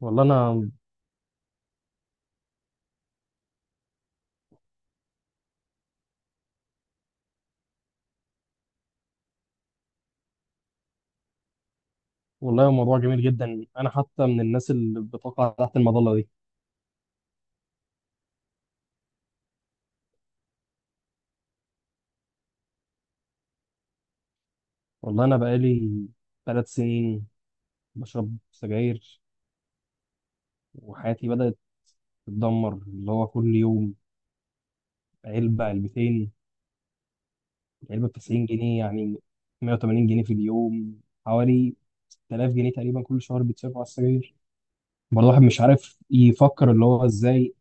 والله انا والله الموضوع جميل جدا، انا حتى من الناس اللي بتقع تحت المظله دي. والله انا بقالي 3 سنين بشرب سجاير، وحياتي بدات تتدمر، اللي هو كل يوم علبه علبتين، علبه ب 90 جنيه، يعني 180 جنيه في اليوم، حوالي 6000 جنيه تقريبا كل شهر بيتصرفوا على السجاير. برضه الواحد مش عارف يفكر اللي هو ازاي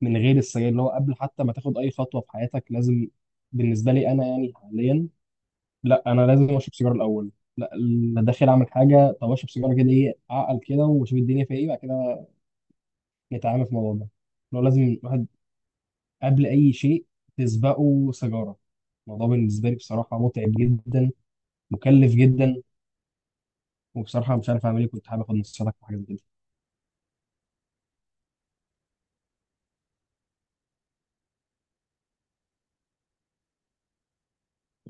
من غير السجاير، اللي هو قبل حتى ما تاخد اي خطوه في حياتك لازم، بالنسبه لي انا يعني حاليا، لا انا لازم اشرب سيجاره الاول، لا انا داخل اعمل حاجه طب اشرب سيجاره كده، ايه اعقل كده واشوف الدنيا فيها ايه بعد كده نتعامل في الموضوع ده. لو لازم الواحد قبل اي شيء تسبقه سيجاره. الموضوع بالنسبه لي بصراحه متعب جدا، مكلف جدا، وبصراحه مش عارف اعمل ايه، كنت حابب اخد نصيحتك في حاجه زي كده.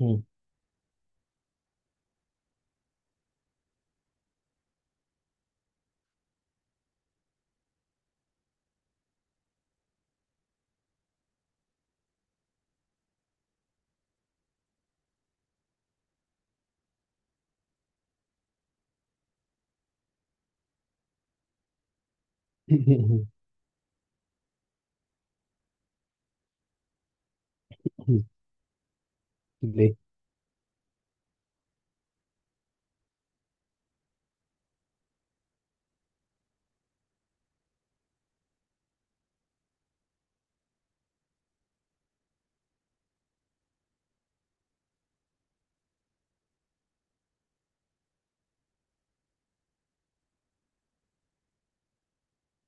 مم. ليه؟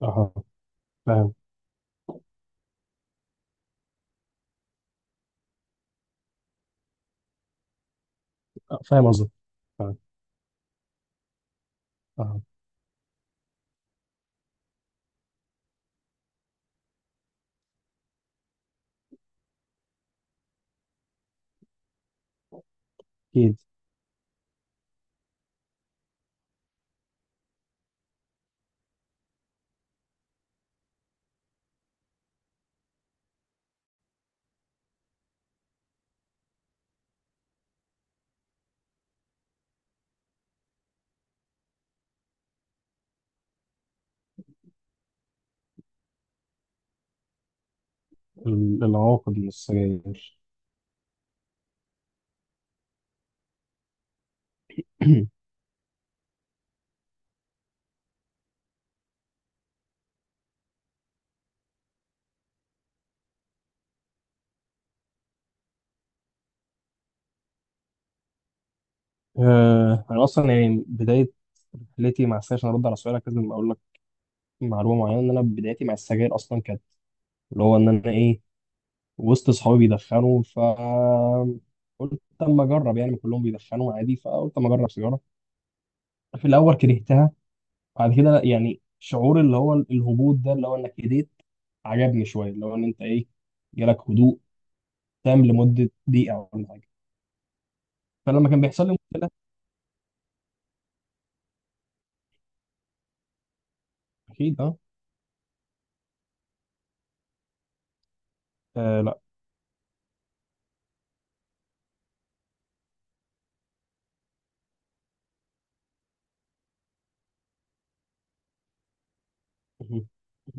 اه، فاهم. آه، فاهم قصدك. فاهم، اه. اكيد. العواقب من السجاير. انا اصلا يعني بدايه رحلتي مع السجاير، عشان ارد على سؤالك لازم اقول لك معلومه معينه، ان انا بدايتي مع السجاير اصلا كانت اللي هو ان انا ايه، وسط صحابي بيدخنوا، قلت اما اجرب، يعني كلهم بيدخنوا عادي، فقلت اما اجرب سيجاره. في الاول كرهتها، بعد كده لا يعني شعور اللي هو الهبوط ده اللي هو انك هديت عجبني شويه، اللي هو ان انت ايه، جالك هدوء تام لمده دقيقه ولا حاجه. فلما كان بيحصل لي مشكله. اكيد، اه. لا.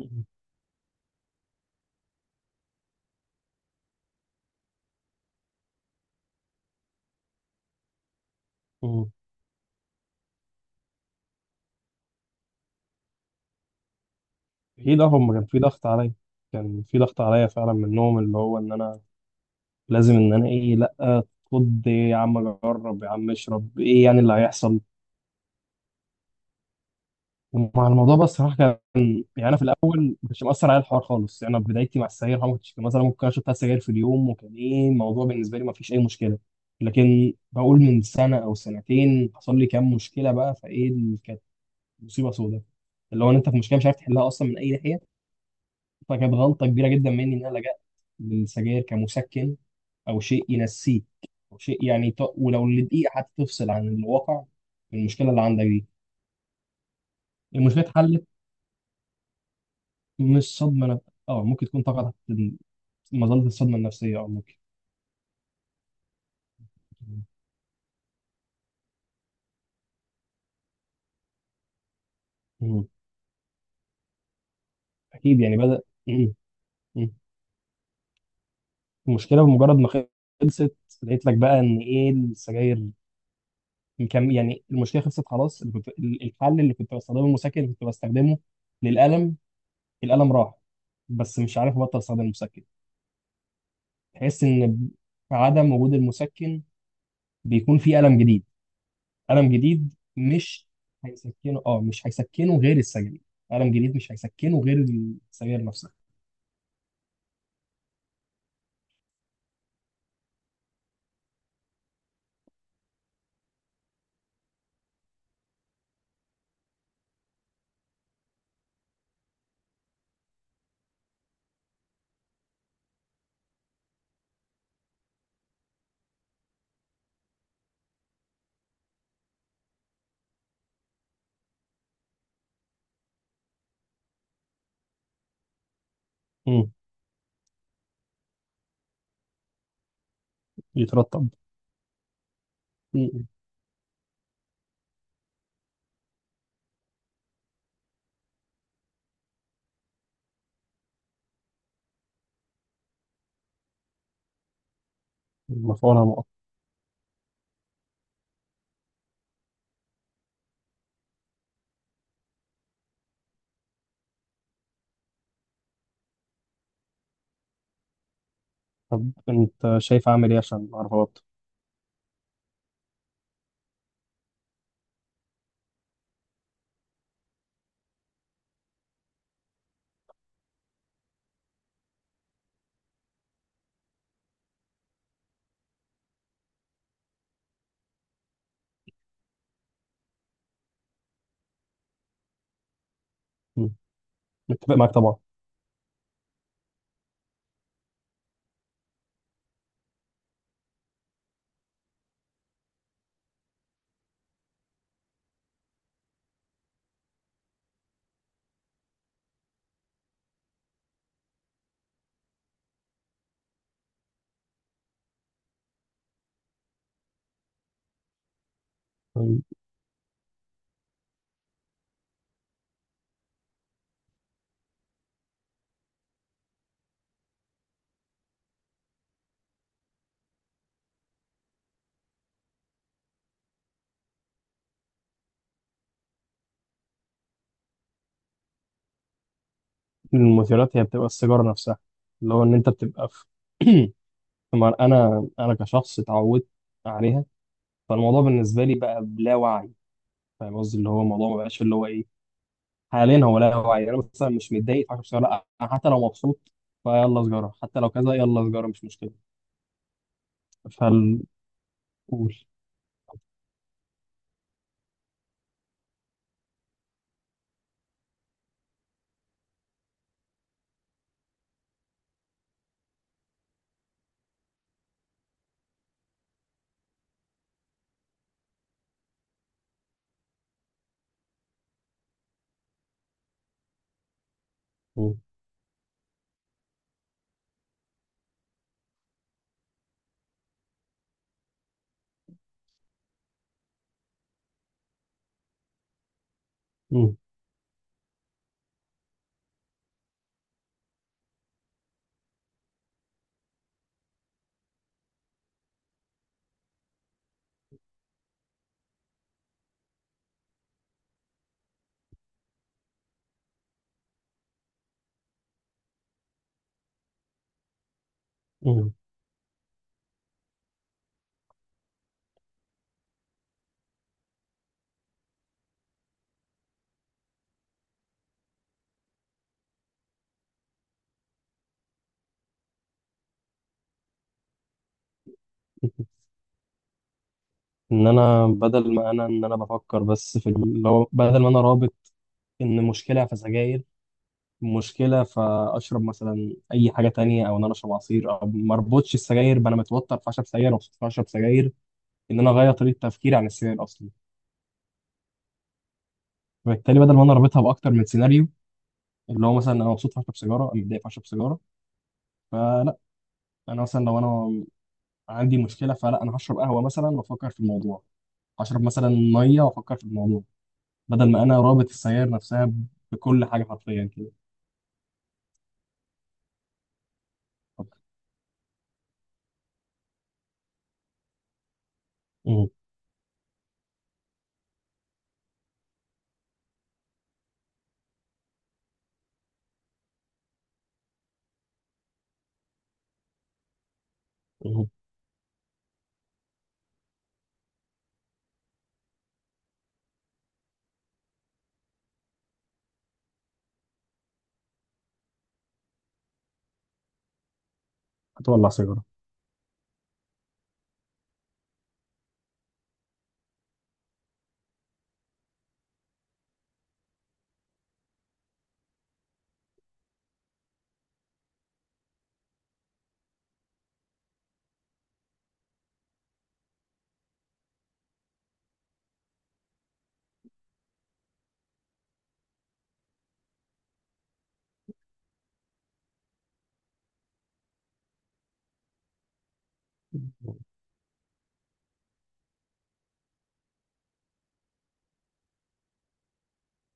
اكيد، اه، هم كان في ضغط عليا، كان في ضغط عليا فعلا منهم، اللي هو ان انا لازم ان انا ايه، لا، خد إيه يا عم، جرب يا عم، اشرب، ايه يعني اللي هيحصل. ومع الموضوع بقى الصراحه كان، يعني انا في الاول ما كانش مأثر عليا الحوار خالص، يعني انا في بدايتي مع السجاير ما كنتش مثلا ممكن اشرب ثلاث سجاير في اليوم، وكان ايه الموضوع بالنسبه لي، ما فيش اي مشكله، لكن بقول من سنه او سنتين حصل لي كام مشكله بقى، فايه اللي كانت مصيبه سوداء، اللي هو ان انت في مشكله مش عارف تحلها اصلا من اي ناحيه، فكانت غلطة كبيرة جدا مني إن أنا لجأت للسجاير كمسكن، أو شيء ينسيك، أو شيء يعني ولو لدقيقة حتى تفصل عن الواقع من المشكلة اللي عندك دي. المشكلة اتحلت، مش صدمة أه ممكن تكون طبعا تحت مظلة الصدمة النفسية، أه ممكن. مم. أكيد يعني بدأ. مم. مم. المشكلة بمجرد ما خلصت، لقيت لك بقى إن إيه، السجاير كم يعني، المشكلة خلصت خلاص، اللي الحل اللي كنت بستخدمه، المسكن اللي كنت بستخدمه للألم، الألم راح، بس مش عارف أبطل أستخدم المسكن. تحس إن عدم وجود المسكن بيكون فيه ألم جديد، ألم جديد مش هيسكنه، أه مش هيسكنه غير السجاير، ألم جديد مش هيسكنه غير السجاير نفسها. امم يترطب. امم مفعولها نقط. طب أنت شايف أعمل إيه عشان أعرف أبطل؟ امم متفق معاك طبعا. أمم، المثيرات هي بتبقى السيجارة نفسها، اللي هو إن أنت بتبقى في. طبعاً أنا كشخص اتعودت عليها، فالموضوع بالنسبة لي بقى بلا وعي، فاهم قصدي، اللي هو الموضوع ما بقاش اللي هو ايه حاليا، هو لا هو يعني انا مثلا مش متضايق فعشان سجارة، لا انا حتى لو مبسوط فيلا سجارة، حتى لو كذا يلا سجارة، مش مشكلة. فال قول. قول. مم. مم. ان انا بدل ما انا ان انا بفكر بس في اللي هو بدل ما انا رابط ان مشكلة فسجاير، مشكلة فاشرب مثلا اي حاجة تانية، او ان انا اشرب عصير، او ما اربطش السجاير بأنا متوتر فاشرب سجاير، مبسوط فاشرب سجاير، ان انا اغير طريقة تفكيري عن السجاير اصلا، فبالتالي بدل ما انا رابطها باكتر من سيناريو، اللي هو مثلا انا مبسوط فاشرب سيجاره، انا متضايق فاشرب سيجاره، فلا انا مثلا لو انا عندي مشكله، فلا انا هشرب قهوه مثلا وافكر في الموضوع، هشرب مثلا ميه وافكر في الموضوع، بدل ما انا رابط السجاير نفسها بكل حاجه حرفيا كده. طب. مم. مم. هتولع سيجاره.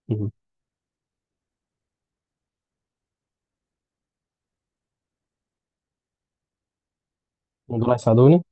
مم. دول هيساعدوني؟